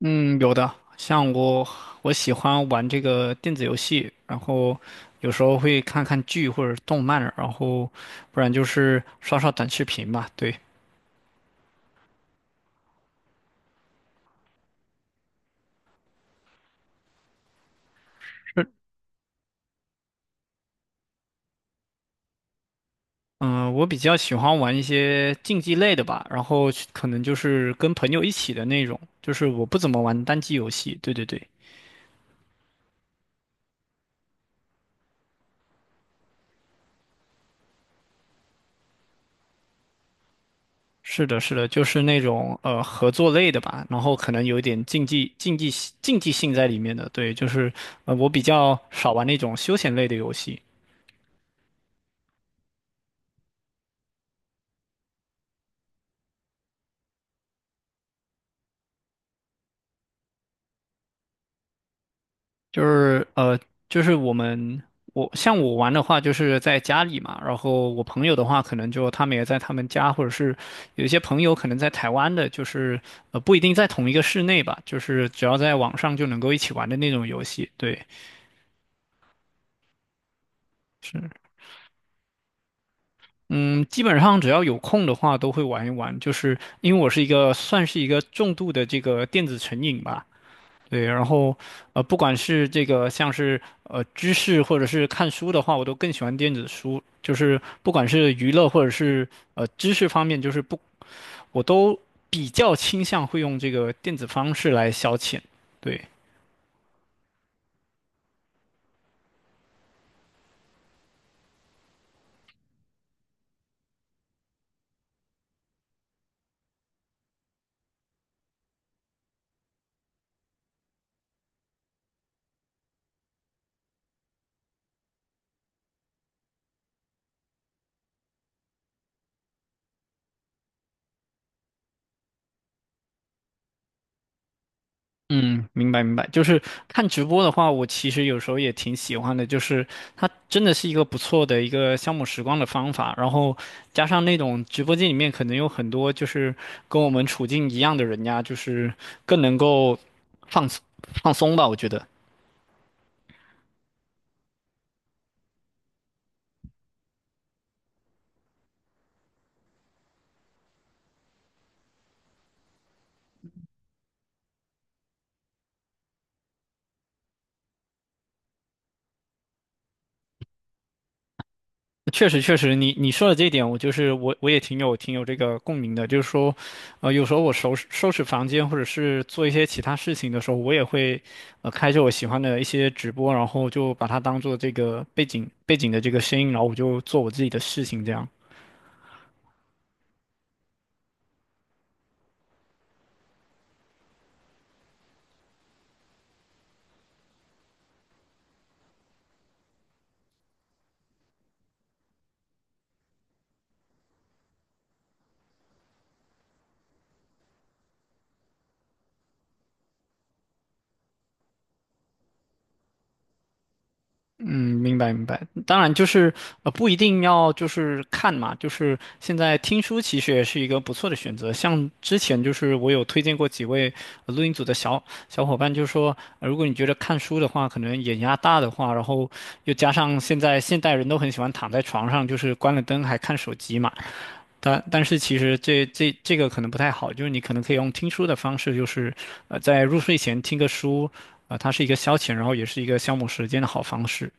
嗯，有的，我喜欢玩这个电子游戏，然后有时候会看看剧或者动漫，然后不然就是刷刷短视频吧。对，嗯，我比较喜欢玩一些竞技类的吧，然后去可能就是跟朋友一起的那种，就是我不怎么玩单机游戏。对对对，是的，是的，就是那种合作类的吧，然后可能有一点竞技性在里面的。对，就是我比较少玩那种休闲类的游戏。就是呃，就是我们我像我玩的话，就是在家里嘛，然后我朋友的话，可能就他们也在他们家，或者是有一些朋友可能在台湾的，就是不一定在同一个室内吧，就是只要在网上就能够一起玩的那种游戏，对，是。嗯，基本上只要有空的话都会玩一玩，就是因为我是一个算是一个重度的这个电子成瘾吧，对，然后不管是这个像是知识或者是看书的话，我都更喜欢电子书。就是不管是娱乐或者是知识方面，就是不，我都比较倾向会用这个电子方式来消遣。对。嗯，明白明白，就是看直播的话，我其实有时候也挺喜欢的，就是它真的是一个不错的一个消磨时光的方法，然后加上那种直播间里面可能有很多就是跟我们处境一样的人呀，就是更能够放松放松吧，我觉得。确实，确实，你说的这一点，我就是我也挺有这个共鸣的。就是说，有时候我收拾收拾房间，或者是做一些其他事情的时候，我也会，开着我喜欢的一些直播，然后就把它当做这个背景的这个声音，然后我就做我自己的事情这样。嗯，明白明白。当然，就是不一定要就是看嘛，就是现在听书其实也是一个不错的选择。像之前就是我有推荐过几位录音组的小伙伴，就是说、如果你觉得看书的话，可能眼压大的话，然后又加上现在现代人都很喜欢躺在床上，就是关了灯还看手机嘛。但是其实这个可能不太好，就是你可能可以用听书的方式，就是在入睡前听个书，它是一个消遣，然后也是一个消磨时间的好方式。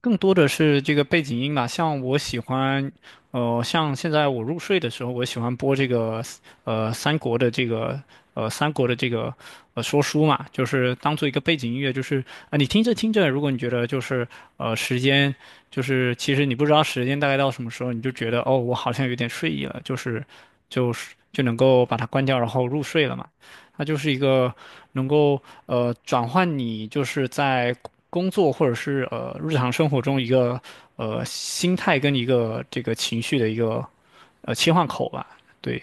更多的是这个背景音吧，像我喜欢，像现在我入睡的时候，我喜欢播这个，呃，三国的这个，三国的这个，说书嘛，就是当做一个背景音乐，就是啊、你听着听着，如果你觉得就是，时间，就是其实你不知道时间大概到什么时候，你就觉得哦，我好像有点睡意了，就是就能够把它关掉，然后入睡了嘛。它就是一个能够转换你就是在工作或者是日常生活中一个心态跟一个这个情绪的一个切换口吧。对，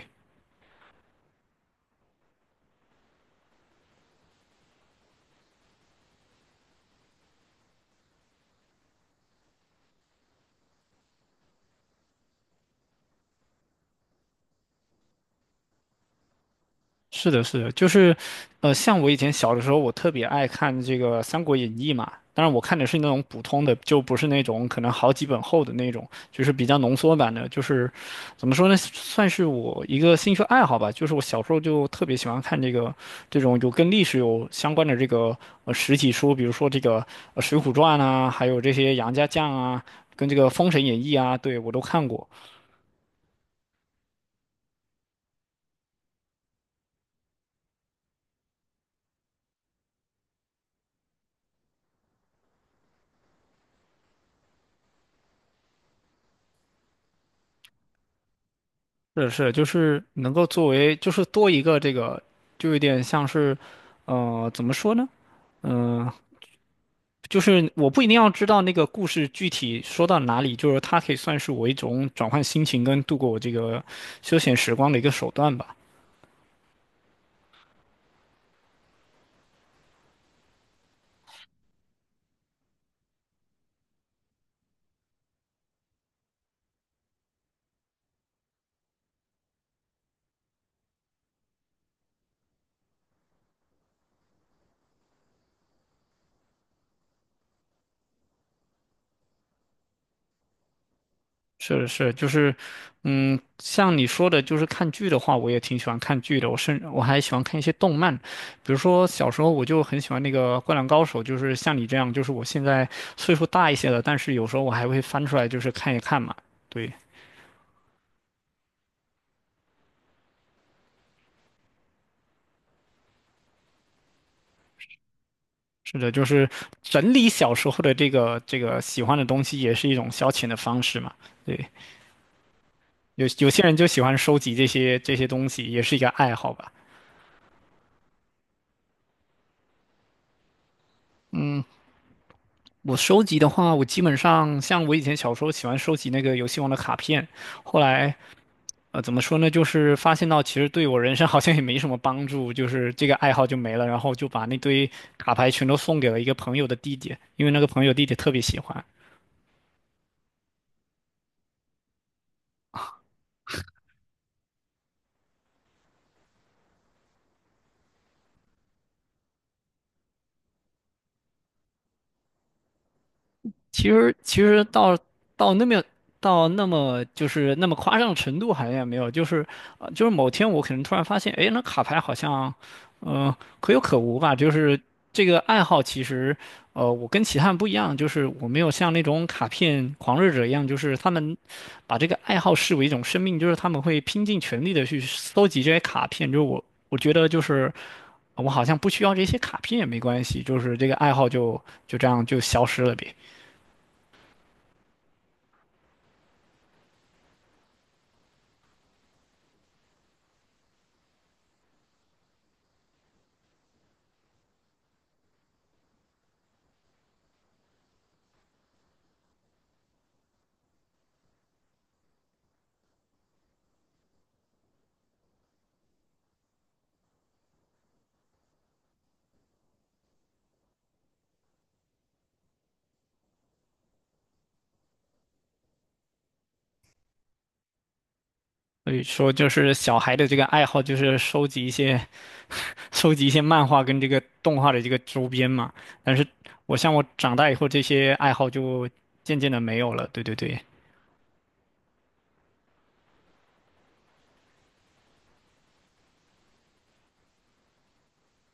是的，是的，就是，像我以前小的时候，我特别爱看这个《三国演义》嘛。当然，我看的是那种普通的，就不是那种可能好几本厚的那种，就是比较浓缩版的。就是怎么说呢，算是我一个兴趣爱好吧。就是我小时候就特别喜欢看这个这种有跟历史有相关的这个实体书，比如说这个《水浒传》啊，还有这些杨家将啊，跟这个《封神演义》啊，对我都看过。是是，就是能够作为，就是多一个这个，就有点像是，怎么说呢？嗯、就是我不一定要知道那个故事具体说到哪里，就是它可以算是我一种转换心情跟度过我这个休闲时光的一个手段吧。是的是，就是，像你说的，就是看剧的话，我也挺喜欢看剧的。我还喜欢看一些动漫，比如说小时候我就很喜欢那个《灌篮高手》，就是像你这样，就是我现在岁数大一些了，但是有时候我还会翻出来，就是看一看嘛。对，是的，就是整理小时候的这个这个喜欢的东西，也是一种消遣的方式嘛。对，有些人就喜欢收集这些东西，也是一个爱好吧。我收集的话，我基本上像我以前小时候喜欢收集那个游戏王的卡片，后来怎么说呢，就是发现到其实对我人生 好像也没什么帮助，就是这个爱好就没了，然后就把那堆卡牌全都送给了一个朋友的弟弟，因为那个朋友弟弟特别喜欢。其实到那么到那么就是那么夸张的程度好像也没有，就是某天我可能突然发现，哎，那卡牌好像，嗯，可有可无吧。就是这个爱好其实，我跟其他人不一样，就是我没有像那种卡片狂热者一样，就是他们把这个爱好视为一种生命，就是他们会拼尽全力的去搜集这些卡片。就是我觉得就是我好像不需要这些卡片也没关系，就是这个爱好就这样就消失了呗。所以说，就是小孩的这个爱好，就是收集一些，收集一些漫画跟这个动画的这个周边嘛。但是我像我长大以后，这些爱好就渐渐的没有了。对对对，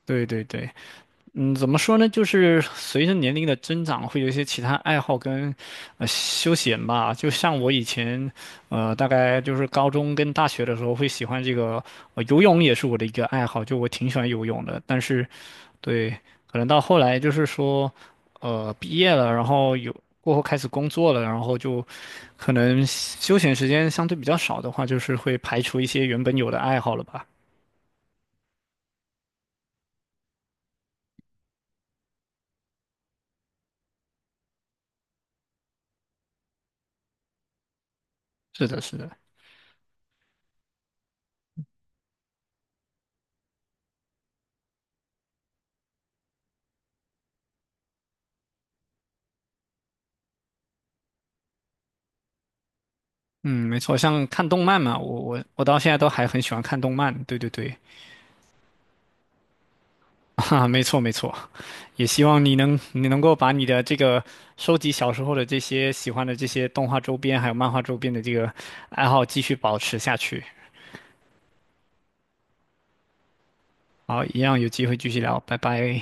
对对对，嗯，怎么说呢？就是随着年龄的增长，会有一些其他爱好跟，休闲吧。就像我以前，大概就是高中跟大学的时候，会喜欢这个，游泳也是我的一个爱好，就我挺喜欢游泳的。但是对，可能到后来就是说，毕业了，然后过后开始工作了，然后就可能休闲时间相对比较少的话，就是会排除一些原本有的爱好了吧。是的，是的，嗯，没错，像看动漫嘛，我到现在都还很喜欢看动漫。对对对，哈哈，没错没错，也希望你能够把你的这个收集小时候的这些喜欢的这些动画周边还有漫画周边的这个爱好继续保持下去。好，一样有机会继续聊，拜拜。